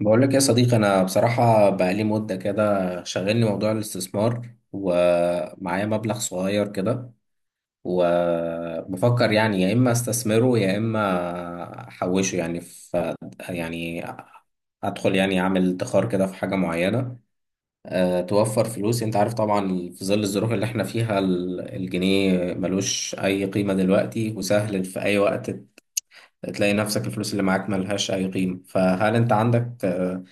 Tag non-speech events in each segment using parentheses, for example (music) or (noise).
بقول لك يا صديقي، انا بصراحه بقالي مده كده شغلني موضوع الاستثمار، ومعايا مبلغ صغير كده وبفكر يعني يا اما استثمره يا اما احوشه يعني في يعني ادخل يعني اعمل ادخار كده في حاجه معينه. أه، توفر فلوس. انت عارف طبعا في ظل الظروف اللي احنا فيها الجنيه ملوش اي قيمه دلوقتي، وسهل في اي وقت تلاقي نفسك الفلوس اللي معاك ملهاش أي قيمة. فهل أنت عندك،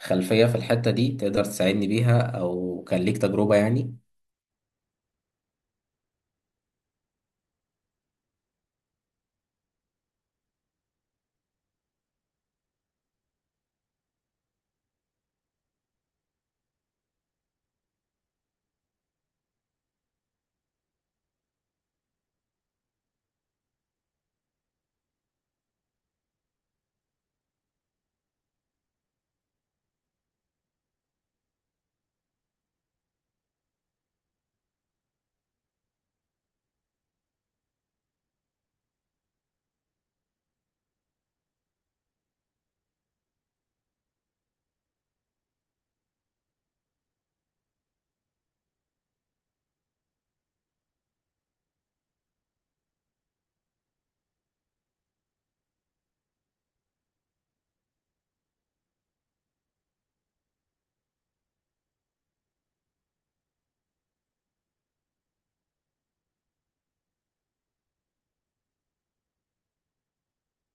خلفية في الحتة دي تقدر تساعدني بيها، أو كان ليك تجربة يعني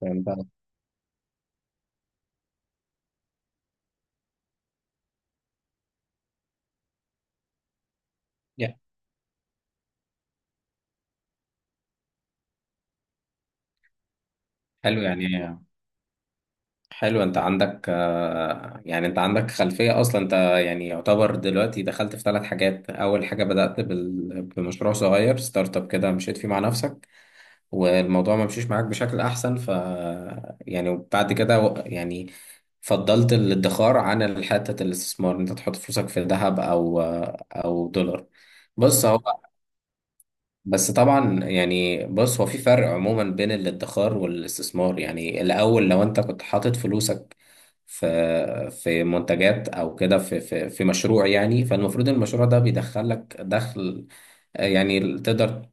فاهم بقى؟ يا، حلو يعني. حلو، أنت عندك، يعني أنت عندك خلفية أصلا. أنت يعني يعتبر دلوقتي دخلت في ثلاث حاجات: أول حاجة بدأت بمشروع صغير، ستارت أب كده، مشيت فيه مع نفسك والموضوع ما مشيش معاك بشكل احسن. ف يعني وبعد كده يعني فضلت الادخار عن الحتة الاستثمار إن انت تحط فلوسك في ذهب او او دولار. بص هو بس طبعا، يعني بص هو في فرق عموما بين الادخار والاستثمار. يعني الاول لو انت كنت حاطط فلوسك في في منتجات او كده في في مشروع، يعني فالمفروض المشروع ده بيدخل لك دخل يعني تقدر.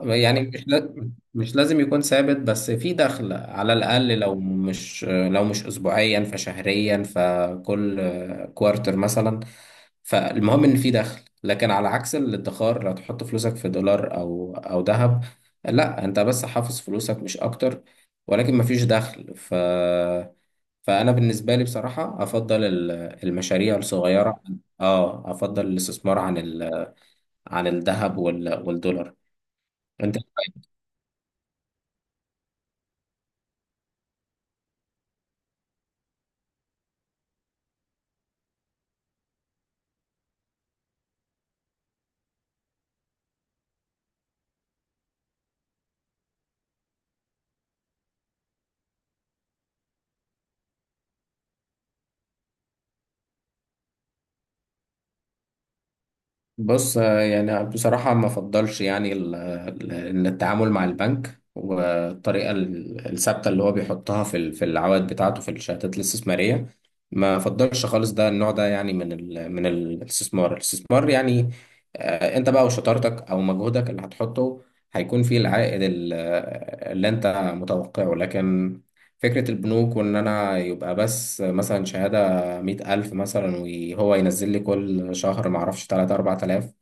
يعني مش لازم يكون ثابت، بس في دخل على الأقل، لو مش لو مش أسبوعيا فشهريا، فكل كوارتر مثلا. فالمهم إن في دخل، لكن على عكس الادخار لو تحط فلوسك في دولار أو أو ذهب لا، أنت بس حافظ فلوسك مش أكتر، ولكن مفيش دخل. ف فأنا بالنسبة لي بصراحة أفضل المشاريع الصغيرة. اه، أفضل الاستثمار عن عن الذهب والدولار. بص، يعني بصراحة ما أفضلش يعني إن التعامل مع البنك، والطريقة الثابتة اللي هو بيحطها في في العوائد بتاعته في الشهادات الاستثمارية ما أفضلش خالص. ده النوع ده يعني من ال من الاستثمار، الاستثمار يعني أنت بقى وشطارتك أو مجهودك اللي هتحطه هيكون فيه العائد اللي أنت متوقعه. لكن فكرة البنوك وإن أنا يبقى بس مثلا شهادة 100 ألف مثلا، وهو ينزل لي كل شهر معرفش 3 4 آلاف،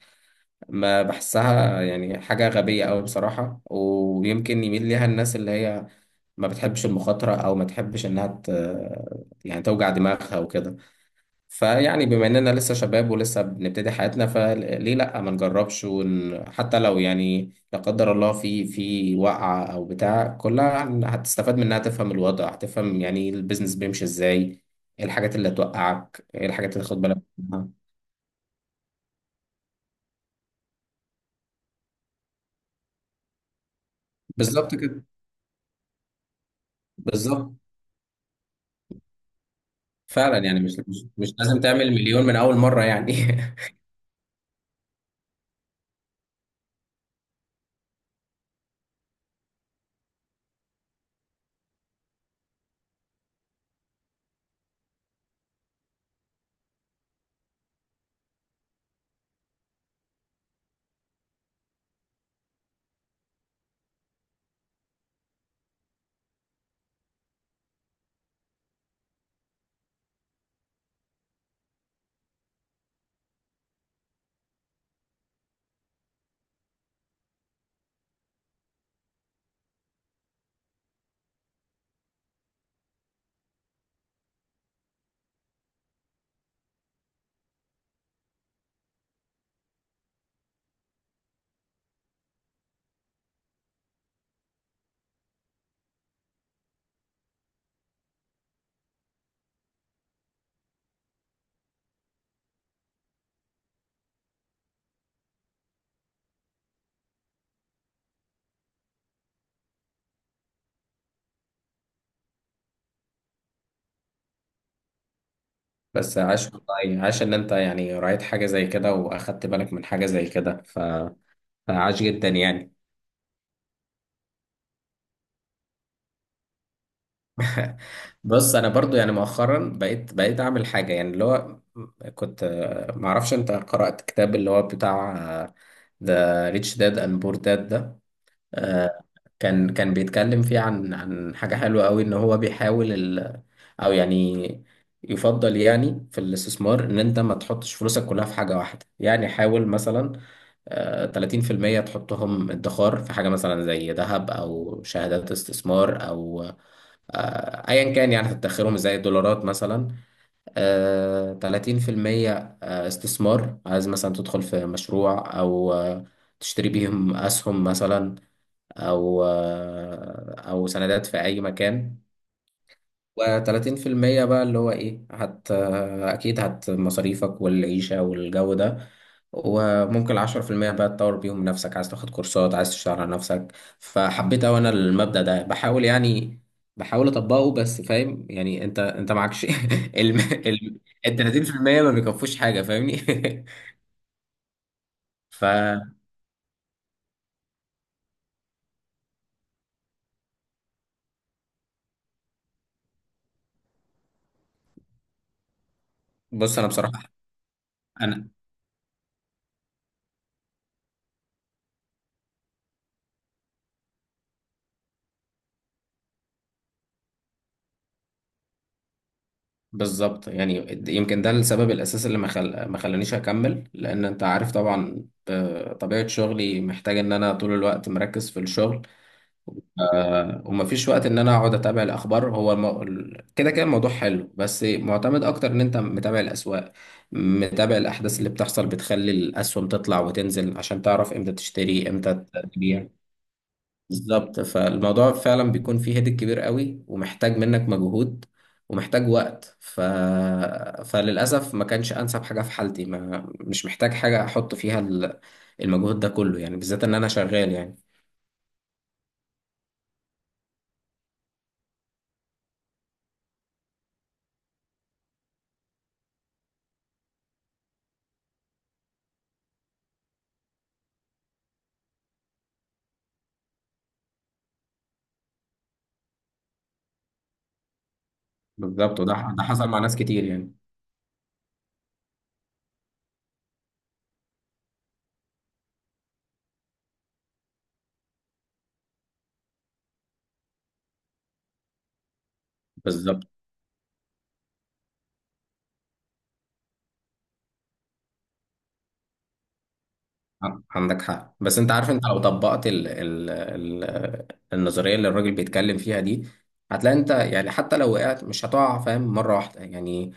ما بحسها يعني حاجة غبية أوي بصراحة. ويمكن يميل ليها الناس اللي هي ما بتحبش المخاطرة، أو ما تحبش إنها يعني توجع دماغها وكده. فيعني بما اننا لسه شباب ولسه بنبتدي حياتنا، فليه لا ما نجربش حتى لو يعني لا قدر الله في في وقعة او بتاع، كلها هتستفاد منها، تفهم الوضع، هتفهم يعني البيزنس بيمشي ازاي، ايه الحاجات اللي هتوقعك، ايه الحاجات اللي تاخد بالك منها. بالظبط كده. بالظبط. فعلا يعني مش مش مش لازم تعمل مليون من اول مرة يعني. (laughs) بس عاش والله، عاش ان انت يعني رأيت حاجة زي كده، واخدت بالك من حاجة زي كده، فعاش جدا يعني. (laughs) بص، انا برضو يعني مؤخرا بقيت اعمل حاجه يعني اللي هو كنت ما اعرفش انت قرات كتاب اللي هو بتاع ذا ريتش داد اند بور داد ده؟ آه، كان بيتكلم فيه عن عن حاجة حلوة قوي، ان هو بيحاول ال او يعني يفضل يعني في الاستثمار ان انت ما تحطش فلوسك كلها في حاجة واحدة. يعني حاول مثلا، 30% تحطهم ادخار في حاجة مثلا زي ذهب او شهادات استثمار او، ايا كان يعني، تدخرهم زي الدولارات مثلا. 30% استثمار، عايز مثلا تدخل في مشروع او تشتري بيهم اسهم مثلا، او او سندات في اي مكان. و30% بقى اللي هو ايه، هت اكيد هت مصاريفك والعيشة والجو ده. وممكن 10% بقى تطور بيهم نفسك، عايز تاخد كورسات، عايز تشتغل على نفسك. فحبيت اوي انا المبدأ ده، بحاول يعني بحاول اطبقه، بس فاهم يعني انت انت معكش (laughs) الم... ال 30% ما بيكفوش حاجة فاهمني. (laughs) فبص، انا بصراحة انا بالظبط يعني يمكن ده السبب الاساسي اللي ما خلانيش اكمل، لان انت عارف طبعا طبيعه شغلي محتاج ان انا طول الوقت مركز في الشغل. ومفيش وقت ان انا اقعد اتابع الاخبار. هو كده كده الموضوع حلو، بس معتمد اكتر ان انت متابع الاسواق، متابع الاحداث اللي بتحصل بتخلي الاسهم تطلع وتنزل، عشان تعرف امتى تشتري امتى تبيع. بالظبط. فالموضوع فعلا بيكون فيه هيدك كبير قوي، ومحتاج منك مجهود ومحتاج وقت. فللأسف ما كانش أنسب حاجة في حالتي. ما مش محتاج حاجة أحط فيها المجهود ده كله يعني، بالذات إن أنا شغال يعني. بالظبط، وده ده حصل مع ناس كتير يعني. بالظبط. عندك حق، بس أنت عارف، أنت لو طبقت النظرية اللي الراجل بيتكلم فيها دي، هتلاقي أنت يعني حتى لو وقعت مش هتقع فاهم مرة واحدة يعني.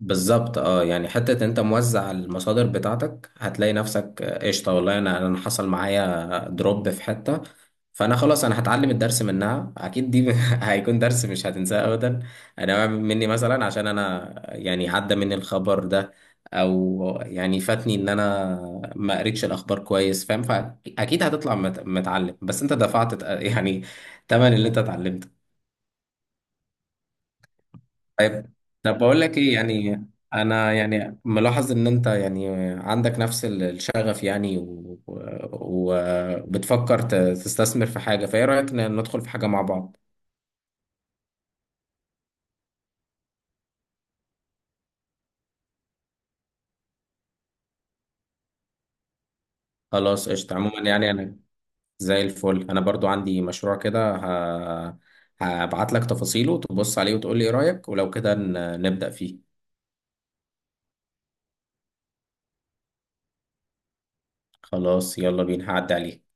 بالظبط. اه يعني حتة انت موزع المصادر بتاعتك، هتلاقي نفسك قشطة. والله انا انا حصل معايا دروب في حتة، فانا خلاص انا هتعلم الدرس منها اكيد دي. (laughs) هيكون درس مش هتنساه ابدا. انا واعي مني مثلا، عشان انا يعني عدى مني الخبر ده، او يعني فاتني ان انا ما قريتش الاخبار كويس فاهم. فاكيد هتطلع متعلم، بس انت دفعت يعني تمن اللي انت اتعلمته. طيب. طب بقول لك ايه يعني، انا يعني ملاحظ ان انت يعني عندك نفس الشغف يعني وبتفكر تستثمر في حاجة، فايه رأيك ندخل في حاجة مع بعض؟ خلاص قشطة. عموما يعني انا زي الفل. انا برضو عندي مشروع كده، هبعت لك تفاصيله، تبص عليه وتقول لي ايه رأيك، ولو كده نبدأ فيه. خلاص، يلا بينا، هعدي عليك.